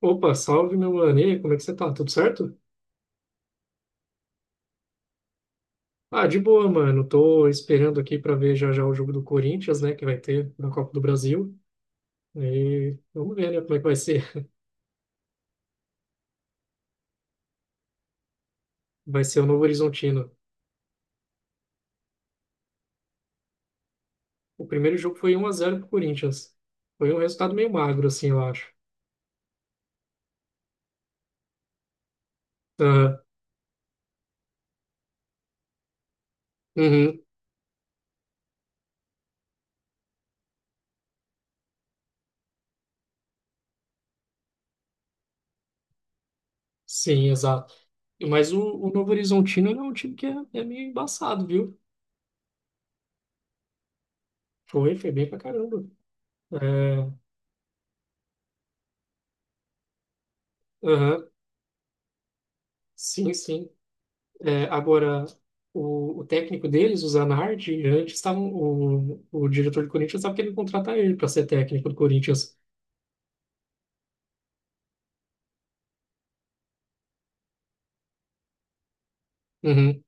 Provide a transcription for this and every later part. Opa, salve meu mano. E aí, como é que você tá? Tudo certo? Ah, de boa, mano. Tô esperando aqui pra ver já já o jogo do Corinthians, né, que vai ter na Copa do Brasil. E vamos ver, né, como é que vai ser. Vai ser o Novo Horizontino. O primeiro jogo foi um a zero pro Corinthians. Foi um resultado meio magro, assim, eu acho. Ah, uhum, sim, exato. Mas o Novo Horizontino ele é um time que é meio embaçado, viu? Foi, foi bem pra caramba. É, aham, sim, sim. É, agora, o técnico deles, o Zanardi, antes estavam, o diretor do Corinthians estava querendo contratar ele para ser técnico do Corinthians. Uhum,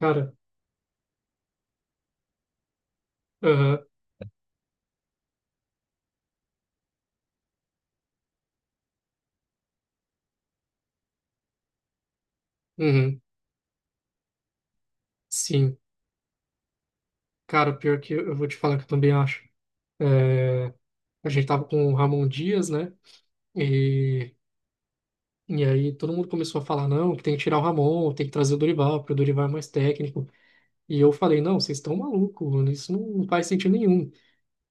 cara, aham, uhum, sim. Cara, pior que eu vou te falar que eu também acho. É, a gente tava com o Ramon Dias, né? E, e aí todo mundo começou a falar, não, que tem que tirar o Ramon, tem que trazer o Dorival, porque o Dorival é mais técnico. E eu falei, não, vocês estão malucos, mano, isso não faz sentido nenhum.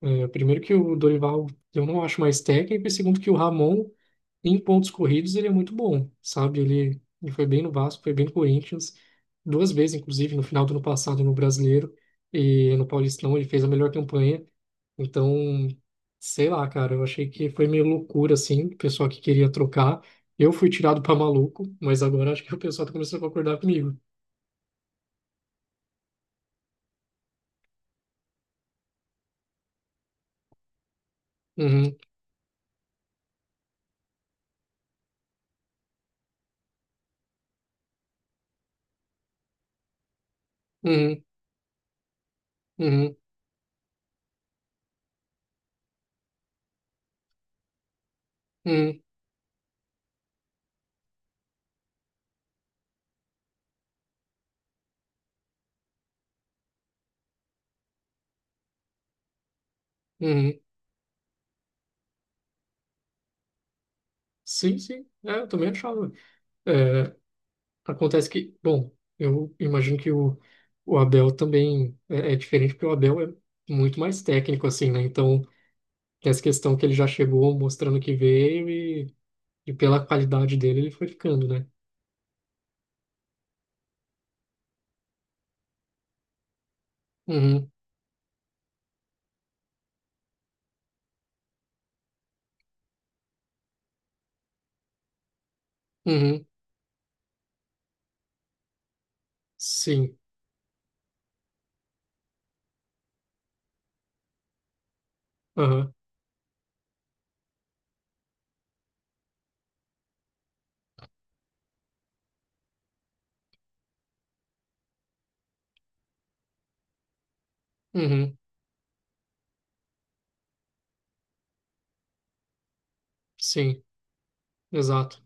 É, primeiro que o Dorival eu não acho mais técnico, e segundo que o Ramon, em pontos corridos, ele é muito bom, sabe? Ele foi bem no Vasco, foi bem no Corinthians, duas vezes, inclusive, no final do ano passado no Brasileiro e no Paulistão, ele fez a melhor campanha. Então, sei lá, cara, eu achei que foi meio loucura, assim, o pessoal que queria trocar. Eu fui tirado pra maluco, mas agora acho que o pessoal tá começando a concordar comigo. Uhum, uhum, uhum, uhum, uhum. Sim, sim, é, eu também achava. É, acontece que, bom, eu imagino que o Abel também é diferente, porque o Abel é muito mais técnico, assim, né? Então, tem essa questão que ele já chegou mostrando que veio e pela qualidade dele ele foi ficando, né? Uhum, uhum, sim, aham, uhum, sim, exato,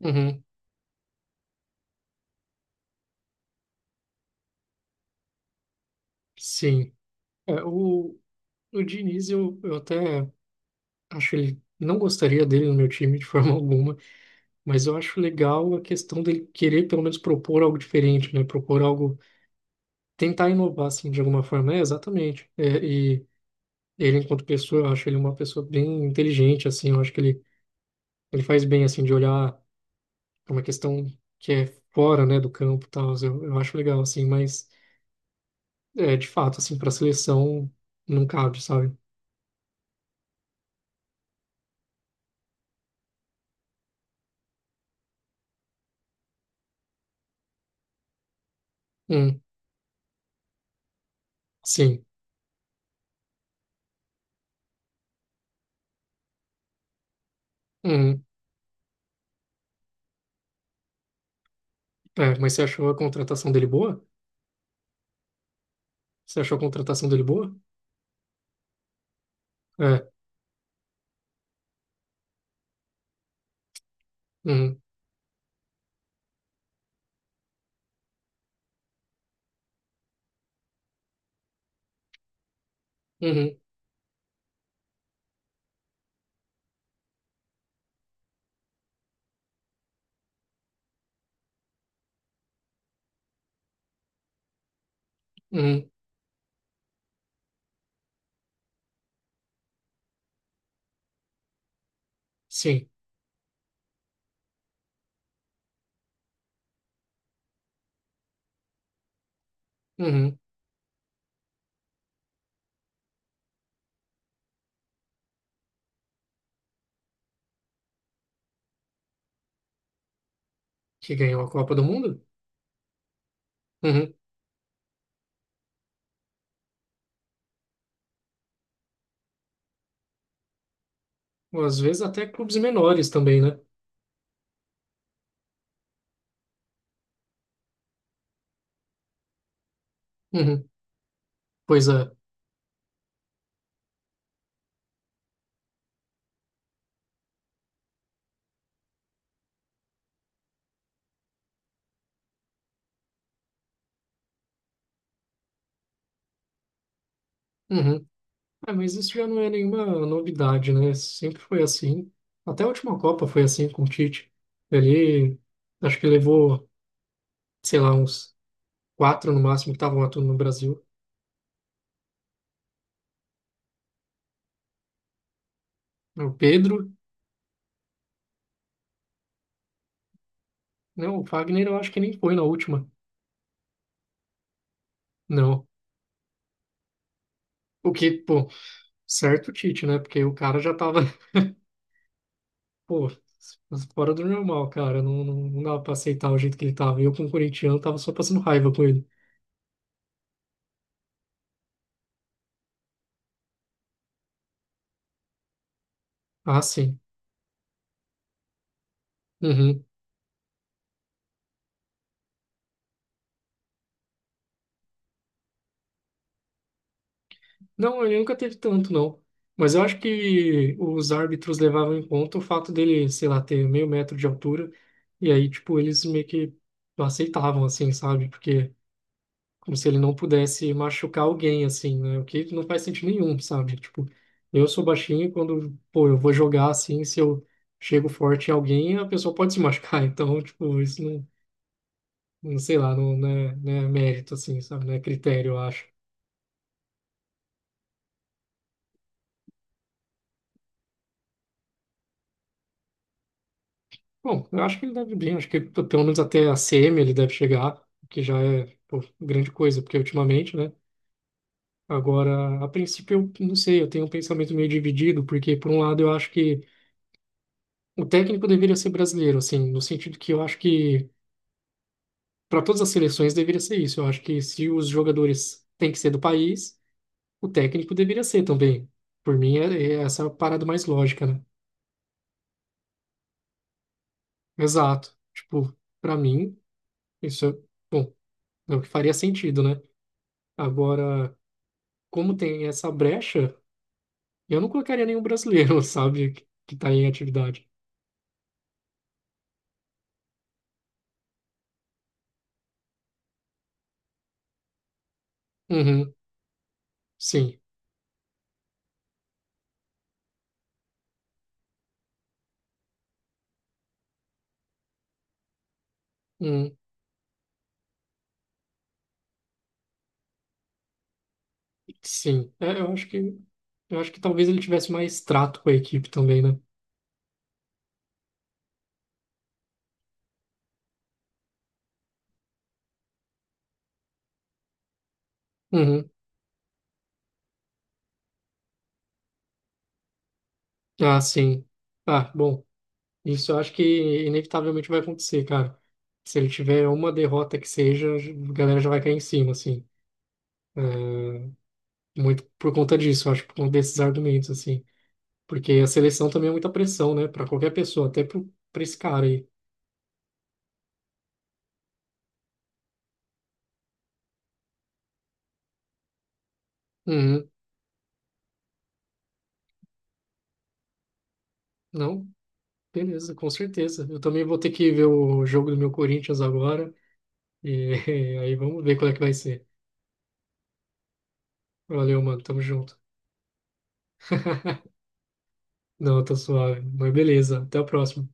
uhum, sim. É, o Diniz, eu até acho ele, não gostaria dele no meu time de forma alguma, mas eu acho legal a questão dele querer pelo menos propor algo diferente, né? Propor algo, tentar inovar assim de alguma forma, é exatamente. É, e ele enquanto pessoa, eu acho ele uma pessoa bem inteligente assim, eu acho que ele faz bem assim de olhar pra uma questão que é fora, né, do campo, e tal. Eu acho legal assim, mas é de fato assim para seleção não cabe, sabe? Hum, sim. Hum, é, mas você achou a contratação dele boa? Você achou a contratação dele boa? É. Uhum, uhum, uhum, sim. Uhum. Que ganhou a Copa do Mundo? Uhum. Ou às vezes até clubes menores também, né? Uhum. Pois é. Uhum. É, mas isso já não é nenhuma novidade, né? Sempre foi assim. Até a última Copa foi assim com o Tite. Ele, acho que levou, sei lá, uns quatro no máximo que estavam atuando no Brasil. O Pedro, não, o Fagner eu acho que nem foi na última, não. O que, pô, certo o Tite, né? Porque o cara já tava, pô, fora do normal, cara. Não, dava pra aceitar o jeito que ele tava. Eu, como corintiano, tava só passando raiva com ele. Ah, sim. Uhum. Não, ele nunca teve tanto, não. Mas eu acho que os árbitros levavam em conta o fato dele, sei lá, ter meio metro de altura. E aí, tipo, eles meio que não aceitavam, assim, sabe? Porque, como se ele não pudesse machucar alguém, assim, né? O que não faz sentido nenhum, sabe? Tipo, eu sou baixinho e quando, pô, eu vou jogar assim, se eu chego forte em alguém, a pessoa pode se machucar. Então, tipo, isso não, não sei lá, não é mérito, assim, sabe? Não é critério, eu acho. Bom, eu acho que ele deve bem, acho que pelo menos até a CM ele deve chegar, o que já é, pô, grande coisa, porque ultimamente, né? Agora, a princípio, eu não sei, eu tenho um pensamento meio dividido, porque por um lado eu acho que o técnico deveria ser brasileiro, assim, no sentido que eu acho que para todas as seleções deveria ser isso. Eu acho que se os jogadores têm que ser do país, o técnico deveria ser também. Por mim, é essa a parada mais lógica, né? Exato. Tipo, para mim, isso é, bom, é o que faria sentido, né? Agora, como tem essa brecha, eu não colocaria nenhum brasileiro, sabe, que, tá em atividade. Uhum, sim, Uhum, sim. É, eu acho que talvez ele tivesse mais trato com a equipe também, né? Uhum. Ah, sim. Ah, bom, isso eu acho que inevitavelmente vai acontecer, cara. Se ele tiver uma derrota que seja, a galera já vai cair em cima, assim. É, muito por conta disso, eu acho, por conta desses argumentos, assim. Porque a seleção também é muita pressão, né, pra qualquer pessoa, até pro, pra esse cara aí. Uhum. Não, beleza, com certeza. Eu também vou ter que ver o jogo do meu Corinthians agora. E aí vamos ver qual é que vai ser. Valeu, mano. Tamo junto. Não, tá suave. Mas beleza. Até a próxima.